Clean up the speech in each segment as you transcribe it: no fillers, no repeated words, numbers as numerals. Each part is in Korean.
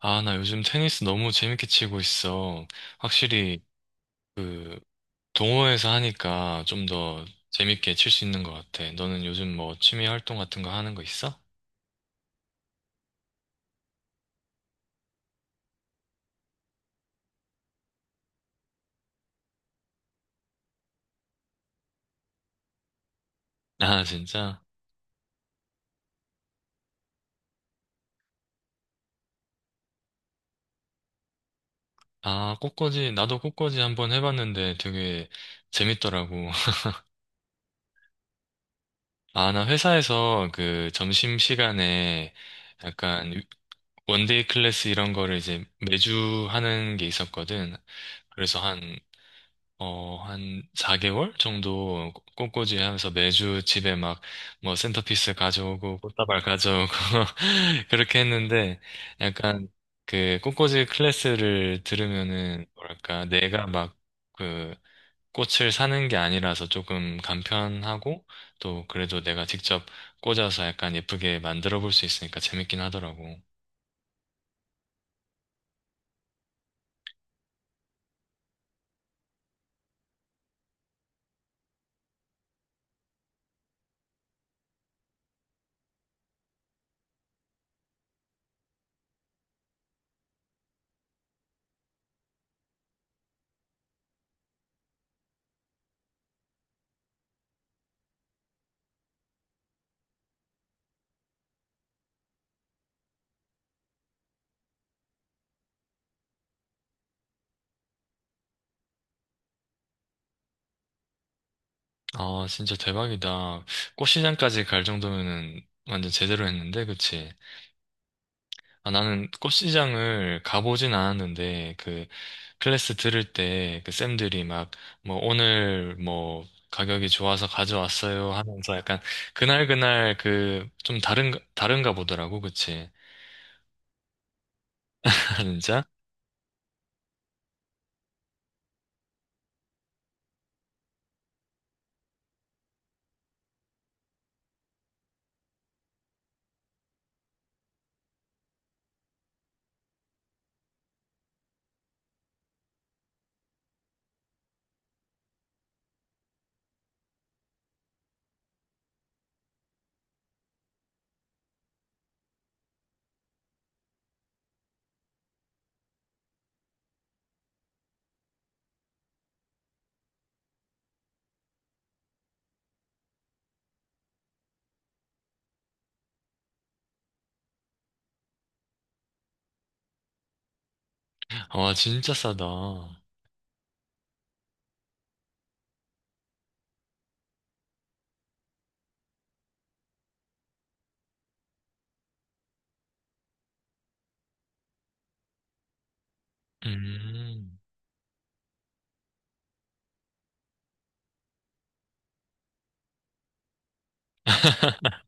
아, 나 요즘 테니스 너무 재밌게 치고 있어. 확실히 그 동호회에서 하니까 좀 더 재밌게 칠 수 있는 것 같아. 너는 요즘 뭐 취미 활동 같은 거 하는 거 있어? 아, 진짜? 아, 꽃꽂이, 나도 꽃꽂이 한번 해봤는데 되게 재밌더라고. 아, 나 회사에서 그 점심시간에 약간 원데이 클래스 이런 거를 이제 매주 하는 게 있었거든. 그래서 한 4개월 정도 꽃꽂이 하면서 매주 집에 막 뭐 센터피스 가져오고 꽃다발 가져오고 그렇게 했는데 약간 그 꽃꽂이 클래스를 들으면은 뭐랄까 내가 막 그 꽃을 사는 게 아니라서 조금 간편하고 또 그래도 내가 직접 꽂아서 약간 예쁘게 만들어 볼 수 있으니까 재밌긴 하더라고. 아, 진짜 대박이다. 꽃시장까지 갈 정도면은 완전 제대로 했는데, 그치? 아, 나는 꽃시장을 가보진 않았는데, 그, 클래스 들을 때, 그 쌤들이 막, 뭐, 오늘, 뭐, 가격이 좋아서 가져왔어요 하면서 약간, 그날그날 그, 좀 다른가 보더라고, 그치? 진짜? 와, 진짜 싸다. 음.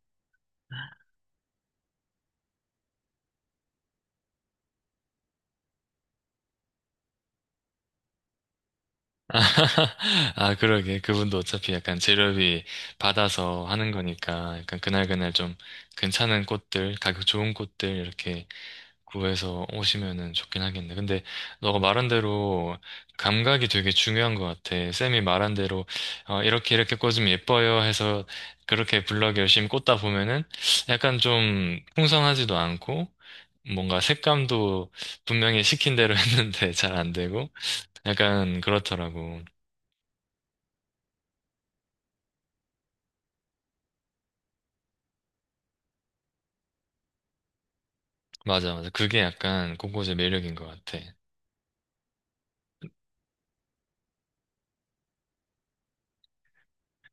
아, 그러게. 그분도 어차피 약간 재료비 받아서 하는 거니까, 약간 그날그날 좀 괜찮은 꽃들, 가격 좋은 꽃들, 이렇게 구해서 오시면은 좋긴 하겠네. 근데 너가 말한 대로 감각이 되게 중요한 것 같아. 쌤이 말한 대로 이렇게 이렇게 꽂으면 예뻐요 해서 그렇게 블럭 열심히 꽂다 보면은 약간 좀 풍성하지도 않고 뭔가 색감도 분명히 시킨 대로 했는데 잘 안 되고 약간 그렇더라고. 맞아, 맞아. 그게 약간 꽃꽂이의 매력인 것 같아.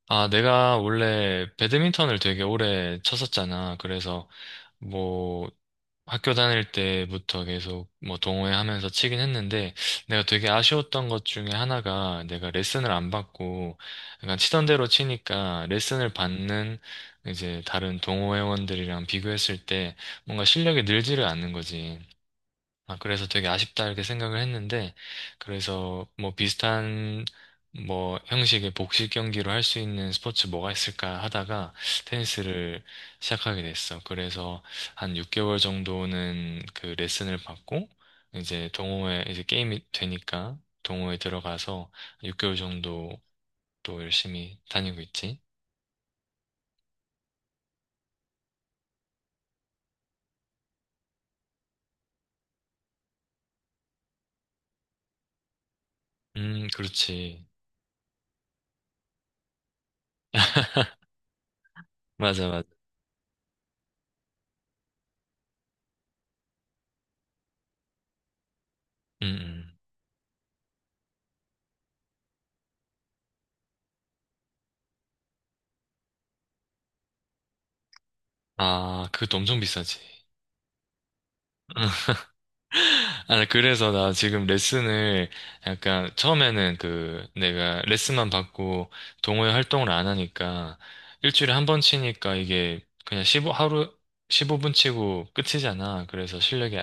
아, 내가 원래 배드민턴을 되게 오래 쳤었잖아. 그래서 뭐 학교 다닐 때부터 계속 뭐 동호회하면서 치긴 했는데 내가 되게 아쉬웠던 것 중에 하나가 내가 레슨을 안 받고 약간 치던 대로 치니까 레슨을 받는 이제 다른 동호회원들이랑 비교했을 때 뭔가 실력이 늘지를 않는 거지. 아, 그래서 되게 아쉽다 이렇게 생각을 했는데, 그래서 뭐 비슷한 뭐 형식의 복식 경기로 할 수 있는 스포츠 뭐가 있을까 하다가 테니스를 시작하게 됐어. 그래서 한 6개월 정도는 그 레슨을 받고, 이제 동호회, 이제 게임이 되니까 동호회 들어가서 6개월 정도 또 열심히 다니고 있지. 그렇지. 맞아, 맞아. 음, 음. 아, 그것도 엄청 비싸지. 아, 그래서 나 지금 레슨을 약간 처음에는 그 내가 레슨만 받고 동호회 활동을 안 하니까 일주일에 한 번 치니까 이게 그냥 15, 하루 15분 치고 끝이잖아. 그래서 실력이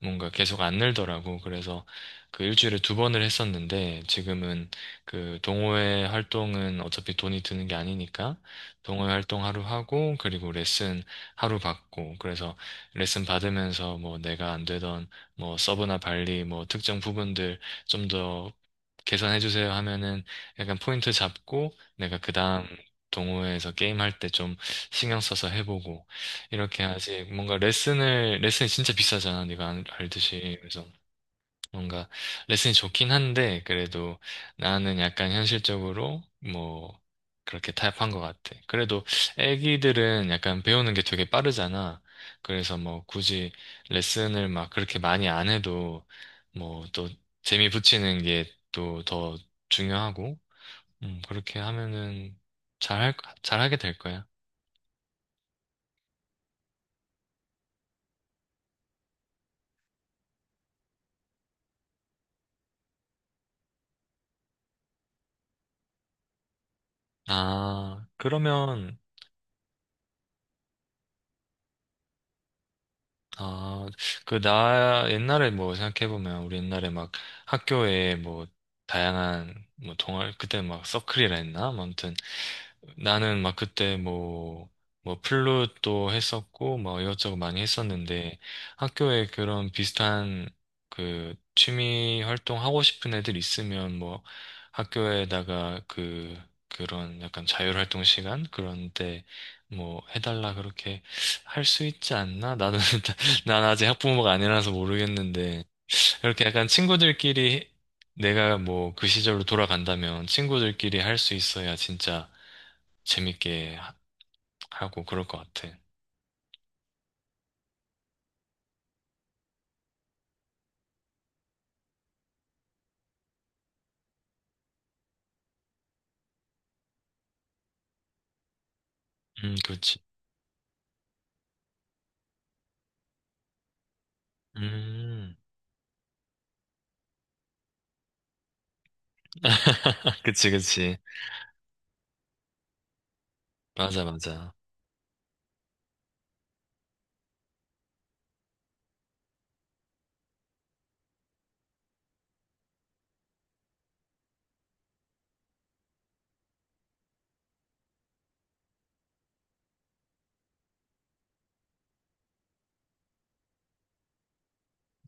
뭔가 계속 안 늘더라고. 그래서 그 일주일에 두 번을 했었는데 지금은 그 동호회 활동은 어차피 돈이 드는 게 아니니까 동호회 활동 하루 하고 그리고 레슨 하루 받고 그래서 레슨 받으면서 뭐 내가 안 되던 뭐 서브나 발리 뭐 특정 부분들 좀 더 개선해 주세요 하면은 약간 포인트 잡고 내가 그 다음 동호회에서 게임할 때 좀 신경 써서 해보고 이렇게 하지. 뭔가 레슨을 레슨이 진짜 비싸잖아, 네가 알듯이. 그래서 뭔가 레슨이 좋긴 한데 그래도 나는 약간 현실적으로 뭐 그렇게 타협한 것 같아. 그래도 애기들은 약간 배우는 게 되게 빠르잖아. 그래서 뭐 굳이 레슨을 막 그렇게 많이 안 해도 뭐 또 재미 붙이는 게 또 더 중요하고 그렇게 하면은 잘 할, 잘하게 될 거야. 아, 그러면 아, 나, 옛날에 뭐 생각해보면, 우리 옛날에 막 학교에 뭐, 다양한, 뭐, 동아리, 그때 막 서클이라 했나? 뭐 아무튼, 나는 막 그때 뭐, 플룻도 했었고, 뭐, 이것저것 많이 했었는데, 학교에 그런 비슷한 그 취미 활동 하고 싶은 애들 있으면 뭐, 학교에다가 그런 약간 자율활동 시간? 그런 데 뭐, 해달라 그렇게 할 수 있지 않나? 나는, 난 아직 학부모가 아니라서 모르겠는데, 이렇게 약간 친구들끼리 내가 뭐 그 시절로 돌아간다면 친구들끼리 할 수 있어야 진짜 재밌게 하고 그럴 것 같아. 그렇지. 음, 그치, 그치. 맞아, 맞아.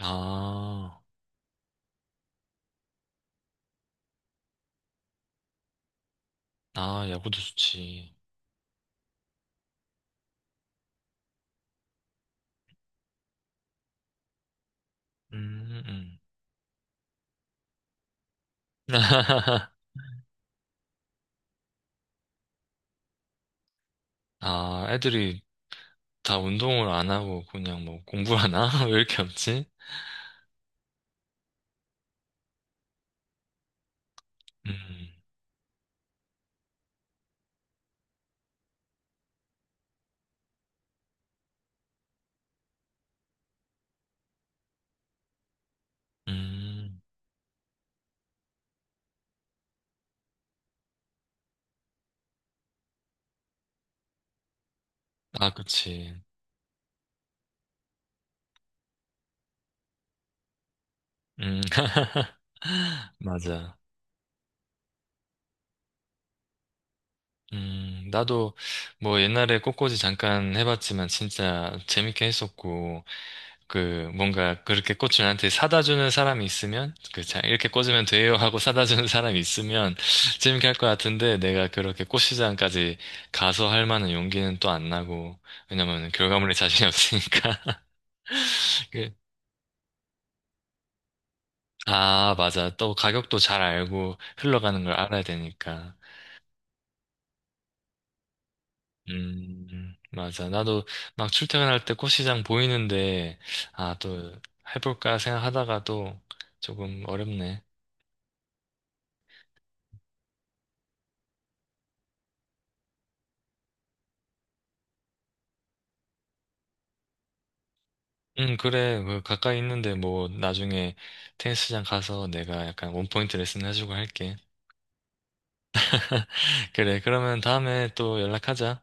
아, 아, 야구도 좋지. 음, 음. 아, 애들이 다 운동을 안 하고 그냥 뭐 공부하나? 왜 이렇게 없지? 음, 음. 아, 그치. 음, 맞아. 나도 뭐 옛날에 꽃꽂이 잠깐 해봤지만 진짜 재밌게 했었고, 그 뭔가 그렇게 꽃을 나한테 사다 주는 사람이 있으면, 그 자, 이렇게 꽂으면 돼요 하고 사다 주는 사람이 있으면 재밌게 할 것 같은데 내가 그렇게 꽃시장까지 가서 할 만한 용기는 또 안 나고, 왜냐면 결과물에 자신이 없으니까. 그- 아, 맞아. 또 가격도 잘 알고 흘러가는 걸 알아야 되니까. 맞아. 나도 막 출퇴근할 때 꽃시장 보이는데, 아, 또 해볼까 생각하다가도 조금 어렵네. 응 그래. 그 가까이 있는데 뭐 나중에 테니스장 가서 내가 약간 원포인트 레슨 해주고 할게. 그래. 그러면 다음에 또 연락하자.